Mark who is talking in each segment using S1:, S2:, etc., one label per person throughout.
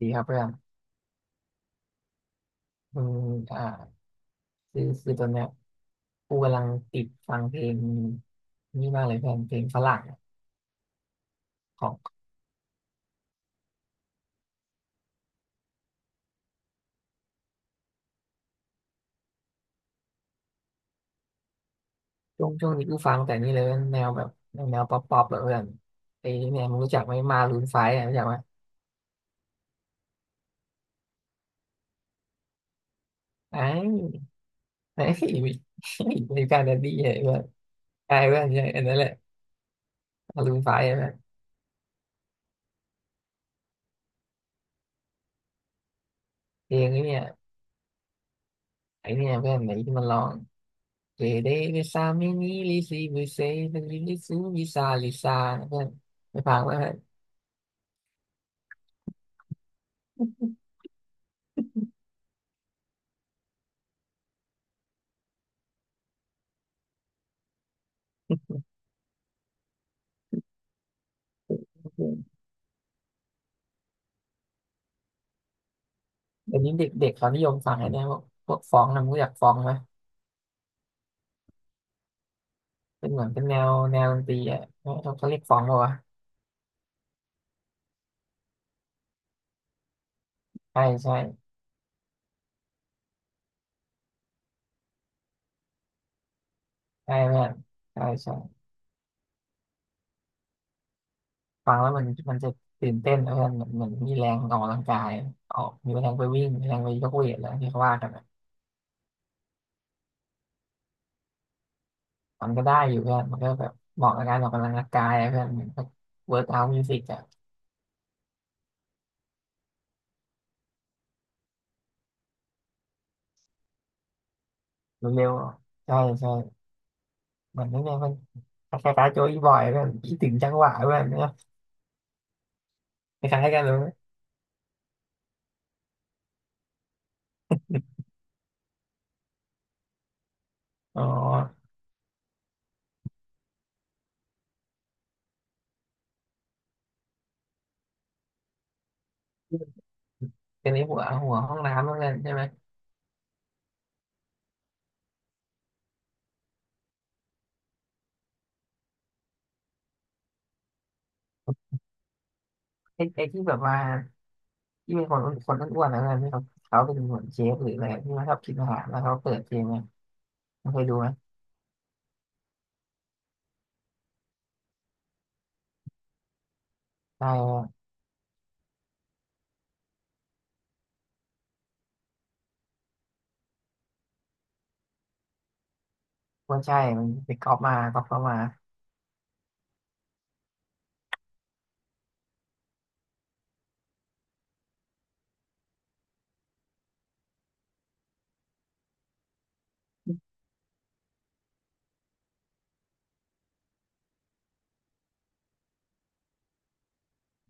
S1: ดีครับเพื่อนอืมอ่าคือตอนเนี้ยกูกำลังติดฟังเพลงนี่มากเลยเพื่อนเพลงฝรั่งอะของช่วงนี้กูฟังแต่นี่เลยแนวแบบแนวป๊อปป๊อปแบบเพื่อนไอ้เนี่ยมึงรู้จักไหมมารูนไฟอ่ะรู้จักไหมไอ้ไอ้มีการดัดดี้เนี่ยเพื่อนใช่เพื่อนใช่อันนั้นแหละมารูนไฟอ่ะเพื่อนเพลงนี้เนี่ยไอ้เนี่ยเพื่อนไหนที่มันร้องเกเดเวิซามินิลิซิบุเซลิลิซูมิซาลิซาเพื่อนไปฟังไหมเพื่อน เดี๋ยวนี้เด็กเด็กเขานิยมฟังไอ้เนี่ยพวกฟ้องนะมึงรู้จักฟ้องไหมเป็นเหมือนเป็นแนวแนวดนตรีอ่ะเขาเรียกฟ้องเหรอวะใช่ใช่ใช่เพื่อนใช่ใช่ฟังแล้วมันจะตื่นเต้นนะเพื่อนเหมือนเหมือนมีแรงออกกำลังกายออกมีแรงไปวิ่งมีแรงไปยกเวทอะไรที่เขาว่ากันอะมันก็ได้อยู่เพื่อนมันก็แบบเหมาะกับการออกกำลังกายอะเพื่อนเหมือนเวิร์กเอาท์มิวสิกอะเร็วๆใช่ใช่เหมือนนี่เนี่ยมันคล้ายๆโจอีบอยเพื่อนคิดถึงจังหวะเพื่อนเนอะคล้ายๆกันเลยอ๋อ เป็นไอ้หัวห้องน้ำแล้นกันใช่ไหมไอ้ที่แบบว่าที่มีคนคนอ้วนๆแล้วนี่เขาเป็นหัวเชฟหรืออะไรที่ว่าชอบกินอาหารแล้วเขาเปิดเพลงไงมันเคยดูไหมใช่ว่าใช่มันไปก๊อปมาก๊อปเข้ามา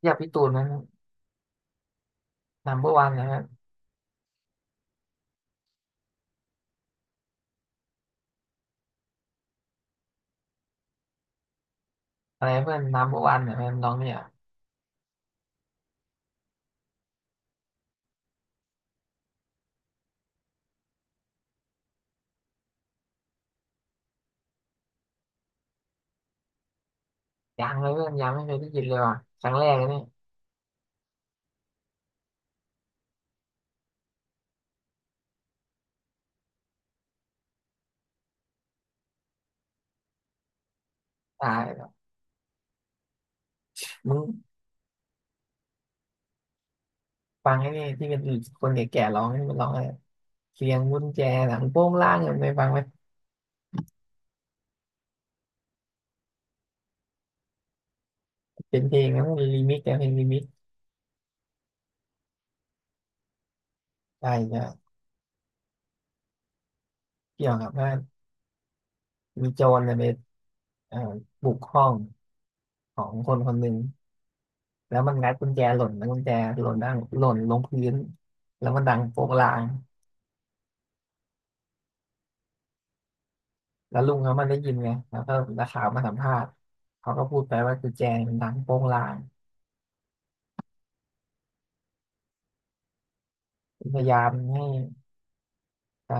S1: อยากพี่ตูนนั้นนัมเบอร์วันนะอะไรเพื่อนนัมเบอร์วันเนี่ยน้องเนี่ยยังเลยเพื่อนยังไม่เคยได้ยินเลยว่ะครั้งแรกเลยเนี่ยตายแล้วมึงฟังไอ้นี่ที่เป็นคนแก่ๆร้องนี่มันร้องอะไรเสียงกุญแจหลังโป้งล่างเนี่ยไปฟังไหมเป็นเพลงนะมันรีมิกแต่เพลงรีมิกใช่ใช่เกี่ยวกับว่า มีโจรเนี่ยไปเอ่อบุกห้องของคนคนหนึ่งแล้วมันงัดกุญแจหล่นแล้วกุญแจหล่นด้านหล่นลงพื้น แล้วมันดังโป๊กลาง แล้วลุงเขามันได้ยินไงแล้วก็นักข่าวมาสัมภาษณ์เขาก็พูดไปว่ากุญแจมันดังโป๊กลางพยายามให้ใช่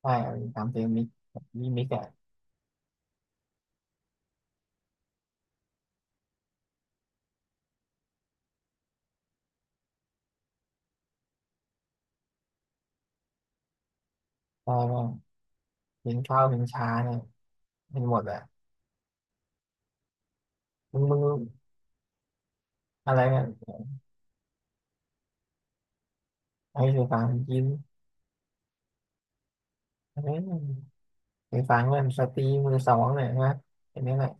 S1: ใช้รตามเพลงมิกมีมิกอะใช่ว่าเพลงเข้าเพลงช้าเนี่ยเป็นหมดอะมึงอะไรเนี่ยให้ไปฟังยิ้มเอ้ยไปฟังมันสตรีมือสองเนี่ยนะเห็นไหมเนี่ย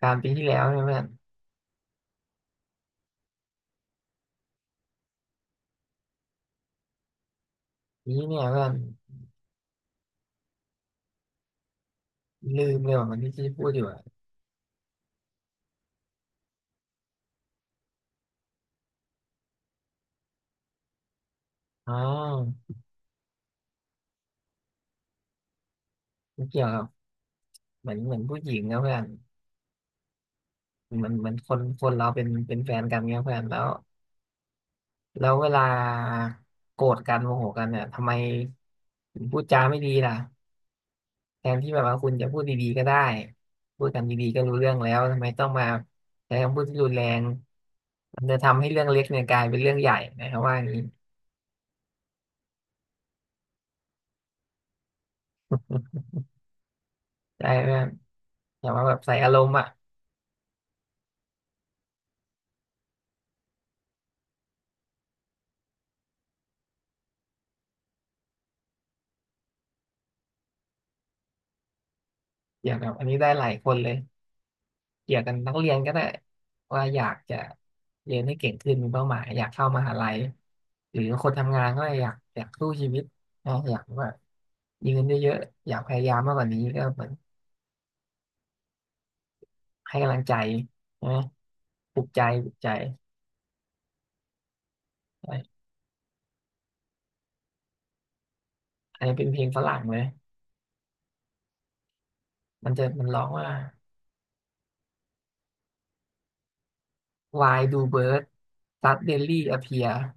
S1: กลารปีที่แล้วเนี่ยเพื่อนนี้เนี่ยเพื่อนลืมเลยว่ามันที่ที่พูดอยู่อะอ๋อมันเกี่ยวกับเหมือนเหมือนผู้หญิงนะเพื่อนเหมือนเหมือนคนคนเราเป็นเป็นแฟนกันเนี่ยเพื่อนแล้วเวลาโกรธกันโมโหกันเนี่ยทำไมถึงพูดจาไม่ดีล่ะแทนที่แบบว่าคุณจะพูดดีๆก็ได้พูดกันดีๆก็รู้เรื่องแล้วทำไมต้องมาใช้คำพูดที่รุนแรงมันจะทำให้เรื่องเล็กเนี่ยกลายเป็นเรื่องใหญ่นะครับว่าอย่างนี้ได้เพื่อนแต่ว่าแบบใส่อารมณ์อ่ะอย่างแบบอันนี้ได้หลายคนเลย เกี่ยวกับนักเรียนก็ได้ว่าอยากจะเรียนให้เก่งขึ้นมีเป้าหมายอยากเข้ามหาลัยหรือคนทำงานก็อยากสู้ชีวิตนะอยากว่ามีเงินเยอะๆอยากพยายามมากกว่านี้ก็เหมือนให้กำลังใจนะปลุกใจปลุกใจอันนี้เป็นเพลงฝรั่งเลยมันร้องว่า Why do birds suddenly appear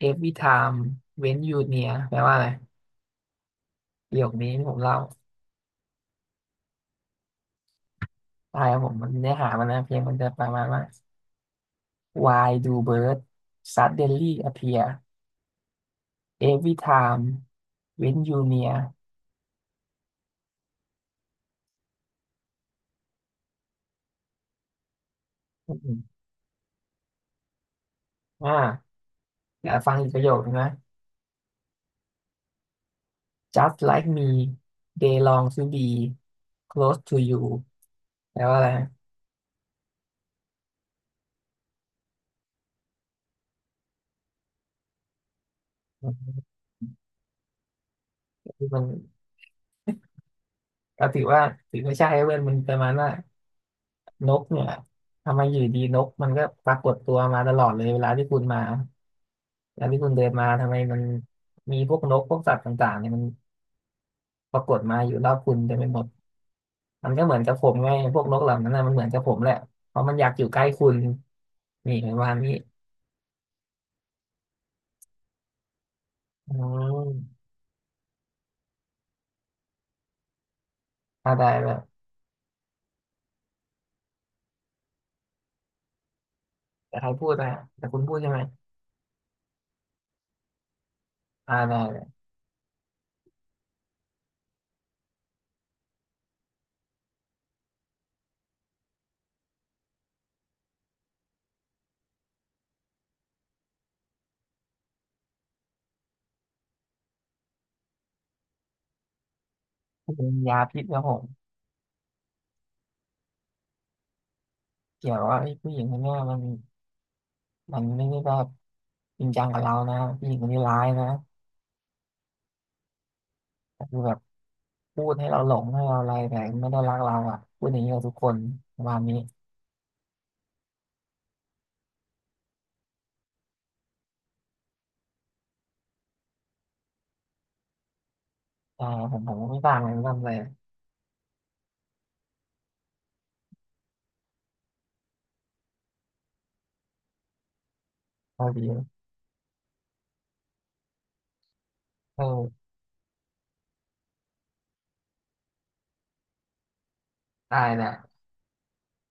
S1: every time when you near แปลว่าอะไรประโยคนี้ที่ผมเล่าตายครับผมมันเนื้อหามันนะเพลงมันจะประมาณว่า Why do birds suddenly appear every time when you near อืมอ่าเดี๋ยากฟังอีกประโยคนึงนะ Just like me they long to be close to you แปลว่าอะไรนะมคือมันก็ถือว่าถือไม่ใช่เว้ยมันประมาณว่านกเนี่ย ทำไมอยู่ดีนกมันก็ปรากฏตัวมาตลอดเลยเวลาที่คุณมาเวลาที่คุณเดินมาทำไมมัน มีพวกนกพวกสัตว์ต่างๆเนี่ยมันปรากฏมาอยู่รอบคุณเต็มไปหมด มันก็เหมือนกับผมไงพวกนกเหล่านั้นนะมันเหมือนกับผมแหละเพราะมันอยากอยู่ใกล้คุณนี่ปรมาณนี้อืมอ่าได้แบบแต่ใครพูดนะแต่คุณพูดใช่ไหมอ่าได้เลยเป็นยาพิษครับผมเกี่ยวว่าไอ้ผู้หญิงคนเนี้ยมันมันไม่ได้แบบจริงจังกับเรานะผู้หญิงคนนี้ร้ายนะแต่คือแบบพูดให้เราหลงให้เราอะไรแต่ไม่ได้รักเราอ่ะพูดอย่างนี้กับทุกคนประมาณนี้ใช่ผมก็ไม่ต่างเลยไม่ทำอะไรพอดีเออตายแหละ